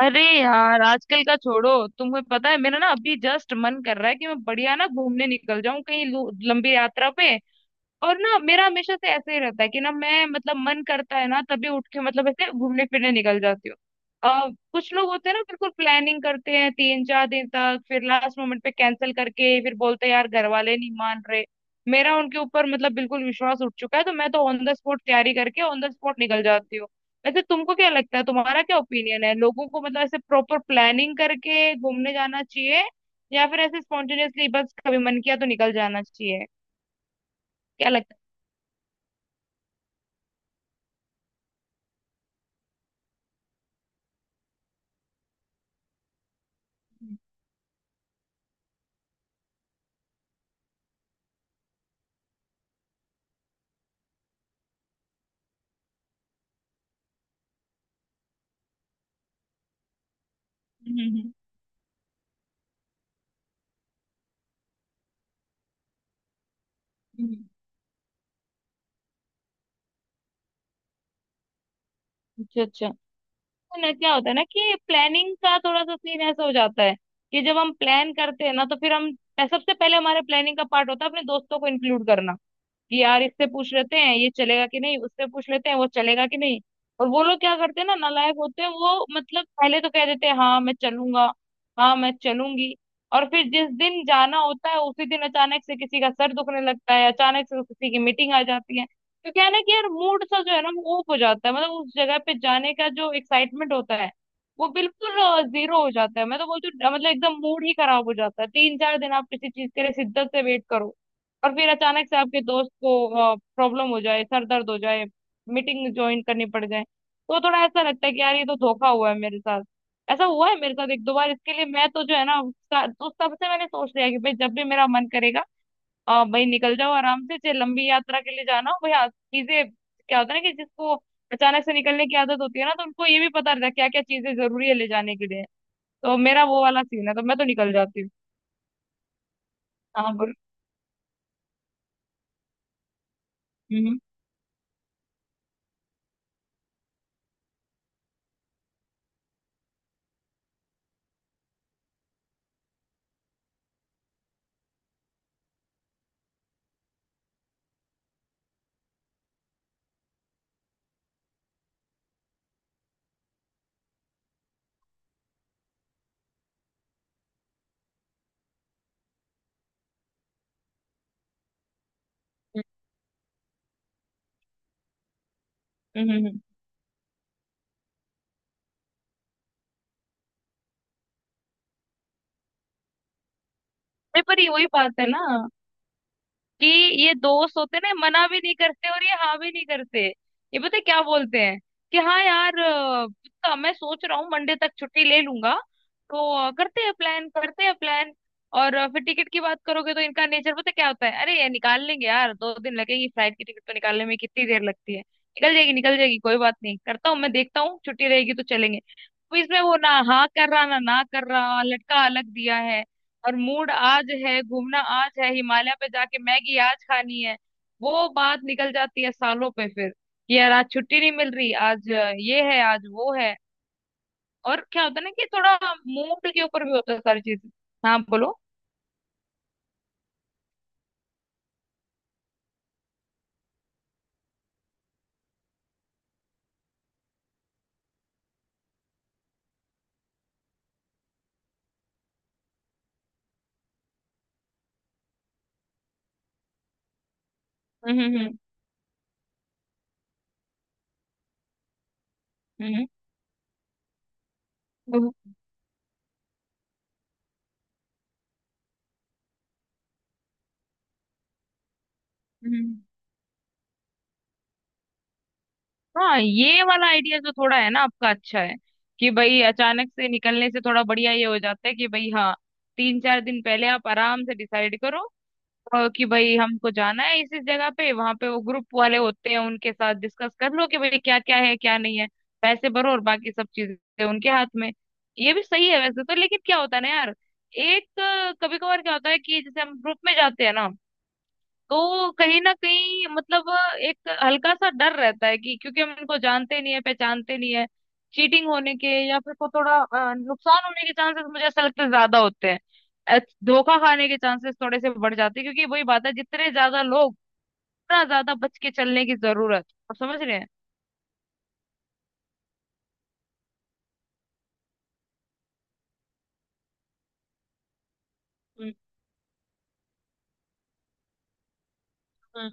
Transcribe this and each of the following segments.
अरे यार आजकल का छोड़ो। तुम्हें पता है मेरा ना अभी जस्ट मन कर रहा है कि मैं बढ़िया ना घूमने निकल जाऊं कहीं लंबी यात्रा पे। और ना मेरा हमेशा से ऐसे ही रहता है कि ना मैं मतलब मन करता है ना तभी उठ के मतलब ऐसे घूमने फिरने निकल जाती हूँ। कुछ लोग होते हैं ना, बिल्कुल प्लानिंग करते हैं 3-4 दिन तक, फिर लास्ट मोमेंट पे कैंसिल करके फिर बोलते हैं यार घर वाले नहीं मान रहे। मेरा उनके ऊपर मतलब बिल्कुल विश्वास उठ चुका है, तो मैं तो ऑन द स्पॉट तैयारी करके ऑन द स्पॉट निकल जाती हूँ। वैसे तुमको क्या लगता है, तुम्हारा क्या ओपिनियन है, लोगों को मतलब ऐसे प्रॉपर प्लानिंग करके घूमने जाना चाहिए या फिर ऐसे स्पॉन्टेनियसली बस कभी मन किया तो निकल जाना चाहिए? क्या लगता है? हम्म हम्म, हम्म। अच्छा अच्छा। तो ना क्या होता है ना कि प्लानिंग का थोड़ा सा सीन ऐसा हो जाता है कि जब हम प्लान करते हैं ना तो फिर हम सबसे पहले, हमारे प्लानिंग का पार्ट होता है अपने दोस्तों को इंक्लूड करना, कि यार इससे पूछ लेते हैं ये चलेगा कि नहीं, उससे पूछ लेते हैं वो चलेगा कि नहीं। और वो लोग क्या करते हैं ना, नालायक होते हैं वो, मतलब पहले तो कह देते हैं हाँ मैं चलूंगा, हाँ मैं चलूंगी। और फिर जिस दिन जाना होता है उसी दिन अचानक से किसी का सर दुखने लगता है, अचानक से किसी की मीटिंग आ जाती है। तो क्या है ना कि यार, मूड सा जो है ना वो ऑफ हो जाता है, मतलब उस जगह पे जाने का जो एक्साइटमेंट होता है वो बिल्कुल जीरो हो जाता है। मैं तो बोलती हूँ, मतलब एकदम मूड ही खराब हो जाता है। 3-4 दिन आप किसी चीज के लिए शिद्दत से वेट करो और फिर अचानक से आपके दोस्त को प्रॉब्लम हो जाए, सर दर्द हो जाए, मीटिंग ज्वाइन करनी पड़ जाए, तो थोड़ा ऐसा लगता है कि यार ये तो धोखा हुआ है मेरे साथ। ऐसा हुआ है मेरे साथ एक दो बार, इसके लिए मैं तो जो है ना तो तब से मैंने सोच लिया कि भाई जब भी मेरा मन करेगा, भाई निकल जाओ आराम से, चाहे लंबी यात्रा के लिए जाना हो। भाई चीजें, क्या होता है ना कि जिसको अचानक से निकलने की आदत होती है ना, तो उनको ये भी पता रहता है क्या क्या चीजें जरूरी है ले जाने के लिए। तो मेरा वो वाला सीन है, तो मैं तो निकल जाती हूँ। हाँ बोल। हम्म हम्म हम्म हम्म, हम्म। नहीं, पर ये वही बात है ना कि ये दोस्त होते ना, मना भी नहीं करते और ये हाँ भी नहीं करते। ये पता है क्या बोलते हैं कि हाँ यार, पक्का मैं सोच रहा हूँ मंडे तक छुट्टी ले लूंगा। तो करते हैं प्लान, करते हैं प्लान। और फिर टिकट की बात करोगे तो इनका नेचर पता है क्या होता है, अरे ये निकाल लेंगे यार, 2 दिन लगेगी फ्लाइट की टिकट, तो निकालने में कितनी देर लगती है, निकल जाएगी निकल जाएगी, कोई बात नहीं, करता हूँ मैं, देखता हूँ छुट्टी रहेगी तो चलेंगे। तो इसमें वो ना हाँ कर रहा ना ना कर रहा, लटका अलग दिया है। और मूड आज है, घूमना आज है, हिमालय पे जाके मैगी आज खानी है। वो बात निकल जाती है सालों पे फिर, कि यार आज छुट्टी नहीं मिल रही, आज ये है, आज वो है। और क्या होता है ना कि थोड़ा मूड के ऊपर भी होता है सारी चीज। हाँ बोलो। हम्म हम्म हम्म हम्म हम्म, हम्म। हाँ ये वाला आइडिया जो थोड़ा है ना आपका, अच्छा है कि भाई अचानक से निकलने से थोड़ा बढ़िया ये हो जाता है कि भाई हाँ, 3-4 दिन पहले आप आराम से डिसाइड करो कि भाई हमको जाना है इस जगह पे, वहां पे वो ग्रुप वाले होते हैं, उनके साथ डिस्कस कर लो कि भाई क्या क्या है क्या नहीं है, पैसे भरो और बाकी सब चीजें उनके हाथ में। ये भी सही है वैसे तो, लेकिन क्या होता है ना यार, एक कभी कभार क्या होता है कि जैसे हम ग्रुप में जाते हैं ना, तो कहीं ना कहीं मतलब एक हल्का सा डर रहता है, कि क्योंकि हम इनको जानते नहीं है, पहचानते नहीं है। चीटिंग होने के या फिर को थोड़ा नुकसान होने के चांसेस मुझे ऐसा लगता है ज्यादा होते हैं। अ, धोखा खाने के चांसेस थोड़े से बढ़ जाते हैं, क्योंकि वही बात है, जितने ज्यादा लोग उतना ज्यादा बच के चलने की जरूरत, आप समझ रहे हैं? हम्म हम्म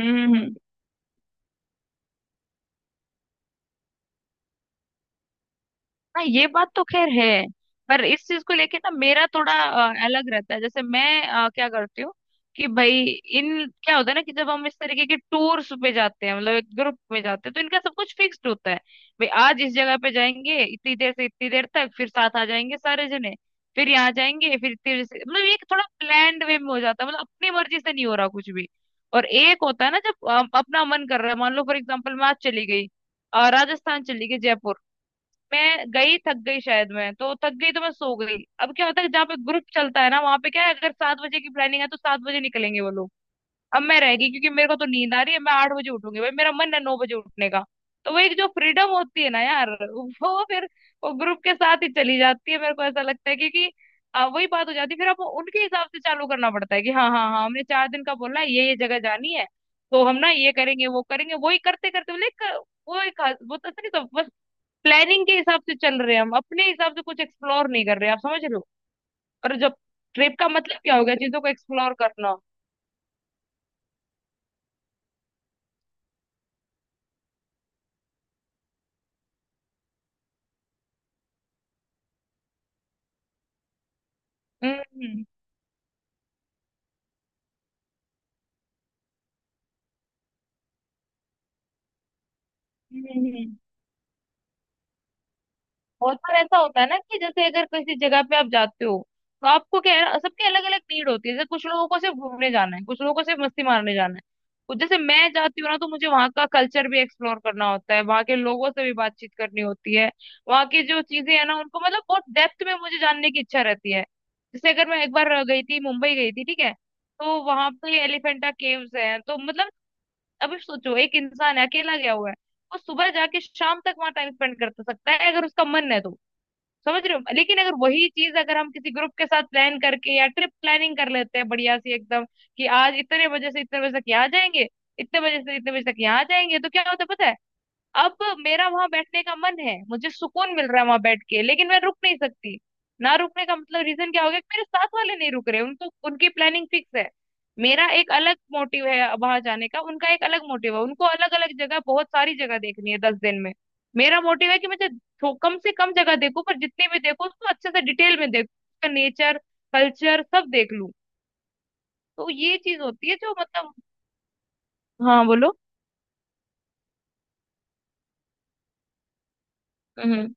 हम्म। हाँ ये बात तो खैर है। पर इस चीज को लेके ना मेरा थोड़ा अलग रहता है। जैसे मैं क्या करती हूँ कि भाई, इन क्या होता है ना कि जब हम इस तरीके के टूर्स पे जाते हैं, मतलब एक ग्रुप में जाते हैं, तो इनका सब कुछ फिक्स्ड होता है। भाई आज इस जगह पे जाएंगे इतनी देर से इतनी देर तक, फिर साथ आ जाएंगे सारे जने, फिर यहाँ जाएंगे फिर इतनी देर से, मतलब ये थोड़ा प्लान्ड वे में हो जाता है, मतलब अपनी मर्जी से नहीं हो रहा कुछ भी। और एक होता है ना जब अपना मन कर रहा है, मान लो फॉर एग्जाम्पल मैं आज चली गई, राजस्थान चली गई, जयपुर। मैं गई, थक गई शायद, मैं तो थक गई तो मैं सो गई। अब क्या होता है, जहाँ पे ग्रुप चलता है ना वहां पे क्या है, अगर 7 बजे की प्लानिंग है तो 7 बजे निकलेंगे वो लोग। अब मैं रह गई क्योंकि मेरे को तो नींद आ रही है, मैं 8 बजे उठूंगी, भाई मेरा मन है 9 बजे उठने का। तो वो एक जो फ्रीडम होती है ना यार, वो फिर वो ग्रुप के साथ ही चली जाती है, मेरे को ऐसा लगता है, क्योंकि वही बात हो जाती है, फिर आपको उनके हिसाब से चालू करना पड़ता है कि हाँ हाँ हाँ, हमने 4 दिन का बोला है, ये जगह जानी है, तो हम ना ये करेंगे वो करेंगे, वही करते करते मतलब वो एक, वो तो ऐसा नहीं, सब प्लानिंग के हिसाब से चल रहे हैं हम, अपने हिसाब से कुछ एक्सप्लोर नहीं कर रहे, आप समझ रहे हो? और जब ट्रिप का मतलब क्या हो गया, चीजों को एक्सप्लोर करना। हम्म हम्म हम्म, हम्म। बहुत बार ऐसा होता है ना कि जैसे अगर किसी जगह पे आप जाते हो, तो आपको क्या है, सबकी अलग अलग नीड होती है, जैसे कुछ लोगों को सिर्फ घूमने जाना है, कुछ लोगों को सिर्फ मस्ती मारने जाना है। तो जैसे मैं जाती हूँ ना, तो मुझे वहाँ का कल्चर भी एक्सप्लोर करना होता है, वहाँ के लोगों से भी बातचीत करनी होती है, वहाँ की जो चीजें है ना उनको मतलब बहुत डेप्थ में मुझे जानने की इच्छा रहती है। जैसे अगर मैं एक बार गई थी, मुंबई गई थी, ठीक है, तो वहां पे एलिफेंटा केव्स हैं, तो मतलब अभी सोचो, एक इंसान है अकेला गया हुआ है, वो सुबह जाके शाम तक वहां टाइम स्पेंड कर सकता है अगर उसका मन है तो, समझ रहे हो? लेकिन अगर वही चीज अगर हम किसी ग्रुप के साथ प्लान करके या ट्रिप प्लानिंग कर लेते हैं बढ़िया सी एकदम, कि आज इतने बजे से इतने बजे तक यहाँ जाएंगे, इतने बजे से इतने बजे तक यहाँ जाएंगे, तो क्या होता है पता है, अब मेरा वहां बैठने का मन है, मुझे सुकून मिल रहा है वहां बैठ के, लेकिन मैं रुक नहीं सकती। ना रुकने का मतलब रीजन क्या हो गया, कि मेरे साथ वाले नहीं रुक रहे, उनको उनकी प्लानिंग फिक्स है। मेरा एक अलग मोटिव है वहां जाने का, उनका एक अलग मोटिव है, उनको अलग अलग जगह, बहुत सारी जगह देखनी है 10 दिन में। मेरा मोटिव है कि मुझे कम से कम जगह देखूं, पर जितनी भी देखूं उसको अच्छे से डिटेल में देखूं, उसका नेचर, कल्चर सब देख लूं। तो ये चीज होती है जो मतलब। हाँ बोलो। हम्म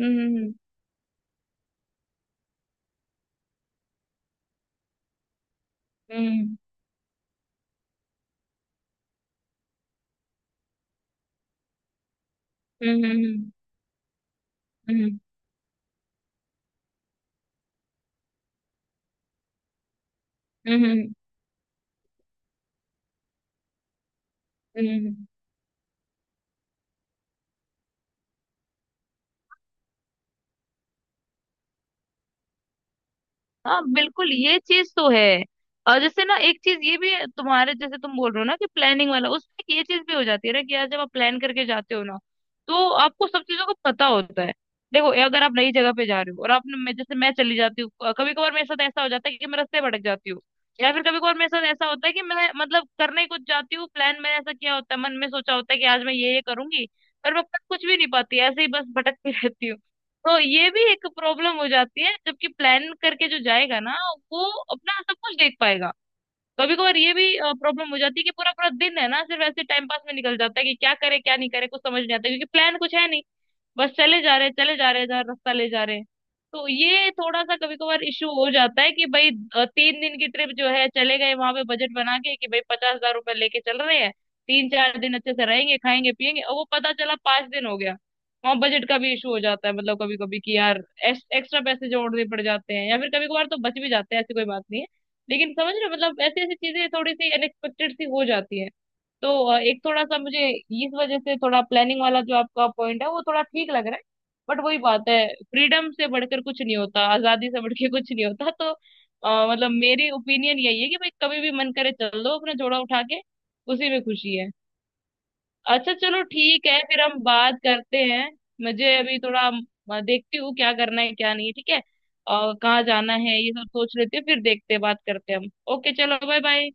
हम्म हम्म हम्म हम्म हम्म हम्म हम्म, हम्म, हम्म। हम्म हम्म, हम्म। हाँ बिल्कुल ये चीज तो है। और जैसे ना एक चीज ये भी है, तुम्हारे जैसे तुम बोल रहे हो ना कि प्लानिंग वाला, उसमें एक ये चीज भी हो जाती है ना कि यार जब आप प्लान करके जाते हो ना, तो आपको सब चीजों का पता होता है। देखो ये अगर आप नई जगह पे जा रहे हो, और आपने, मैं जैसे, मैं चली जाती हूँ कभी कभार, मेरे साथ ऐसा हो जाता है कि मैं रास्ते भटक जाती हूँ। या फिर कभी कभार मेरे साथ ऐसा होता है कि मैं मतलब करने ही कुछ जाती हूँ, प्लान मैंने ऐसा किया होता है, मन में सोचा होता है कि आज मैं ये करूंगी, पर मैं कर कुछ भी नहीं पाती, ऐसे ही बस भटकती रहती हूँ। तो ये भी एक प्रॉब्लम हो जाती है, जबकि प्लान करके जो जाएगा ना वो अपना सब कुछ देख पाएगा। कभी कभार ये भी प्रॉब्लम हो जाती है कि पूरा पूरा दिन है ना सिर्फ ऐसे टाइम पास में निकल जाता है, कि क्या करे क्या नहीं करे कुछ समझ नहीं आता, क्योंकि प्लान कुछ है नहीं, बस चले जा रहे जहाँ रास्ता ले जा रहे। तो ये थोड़ा सा कभी कभार इश्यू हो जाता है कि भाई, 3 दिन की ट्रिप जो है, चले गए वहां पे बजट बना के कि भाई 50,000 रुपए लेके चल रहे हैं, 3-4 दिन अच्छे से रहेंगे खाएंगे पिएंगे, और वो पता चला 5 दिन हो गया। वहाँ बजट का भी इशू हो जाता है, मतलब कभी कभी कि यार एक्स्ट्रा पैसे जोड़ने पड़ जाते हैं, या फिर कभी कभार तो बच भी जाते हैं, ऐसी कोई बात नहीं है। लेकिन समझ रहे हो, मतलब ऐसी ऐसी चीजें थोड़ी सी अनएक्सपेक्टेड सी हो जाती है। तो एक थोड़ा सा मुझे, इस वजह से थोड़ा प्लानिंग वाला जो आपका पॉइंट है वो थोड़ा ठीक लग रहा है। बट वही बात है, फ्रीडम से बढ़कर कुछ नहीं होता, आजादी से बढ़कर कुछ नहीं होता, तो मतलब मेरी ओपिनियन यही है कि भाई कभी भी मन करे चल दो अपना जोड़ा उठा के, उसी में खुशी है। अच्छा चलो ठीक है, फिर हम बात करते हैं। मुझे अभी थोड़ा, देखती हूँ क्या करना है क्या नहीं, ठीक है, और कहाँ जाना है ये सब सोच लेते हैं, फिर देखते हैं बात करते हैं हम। ओके चलो, बाय बाय।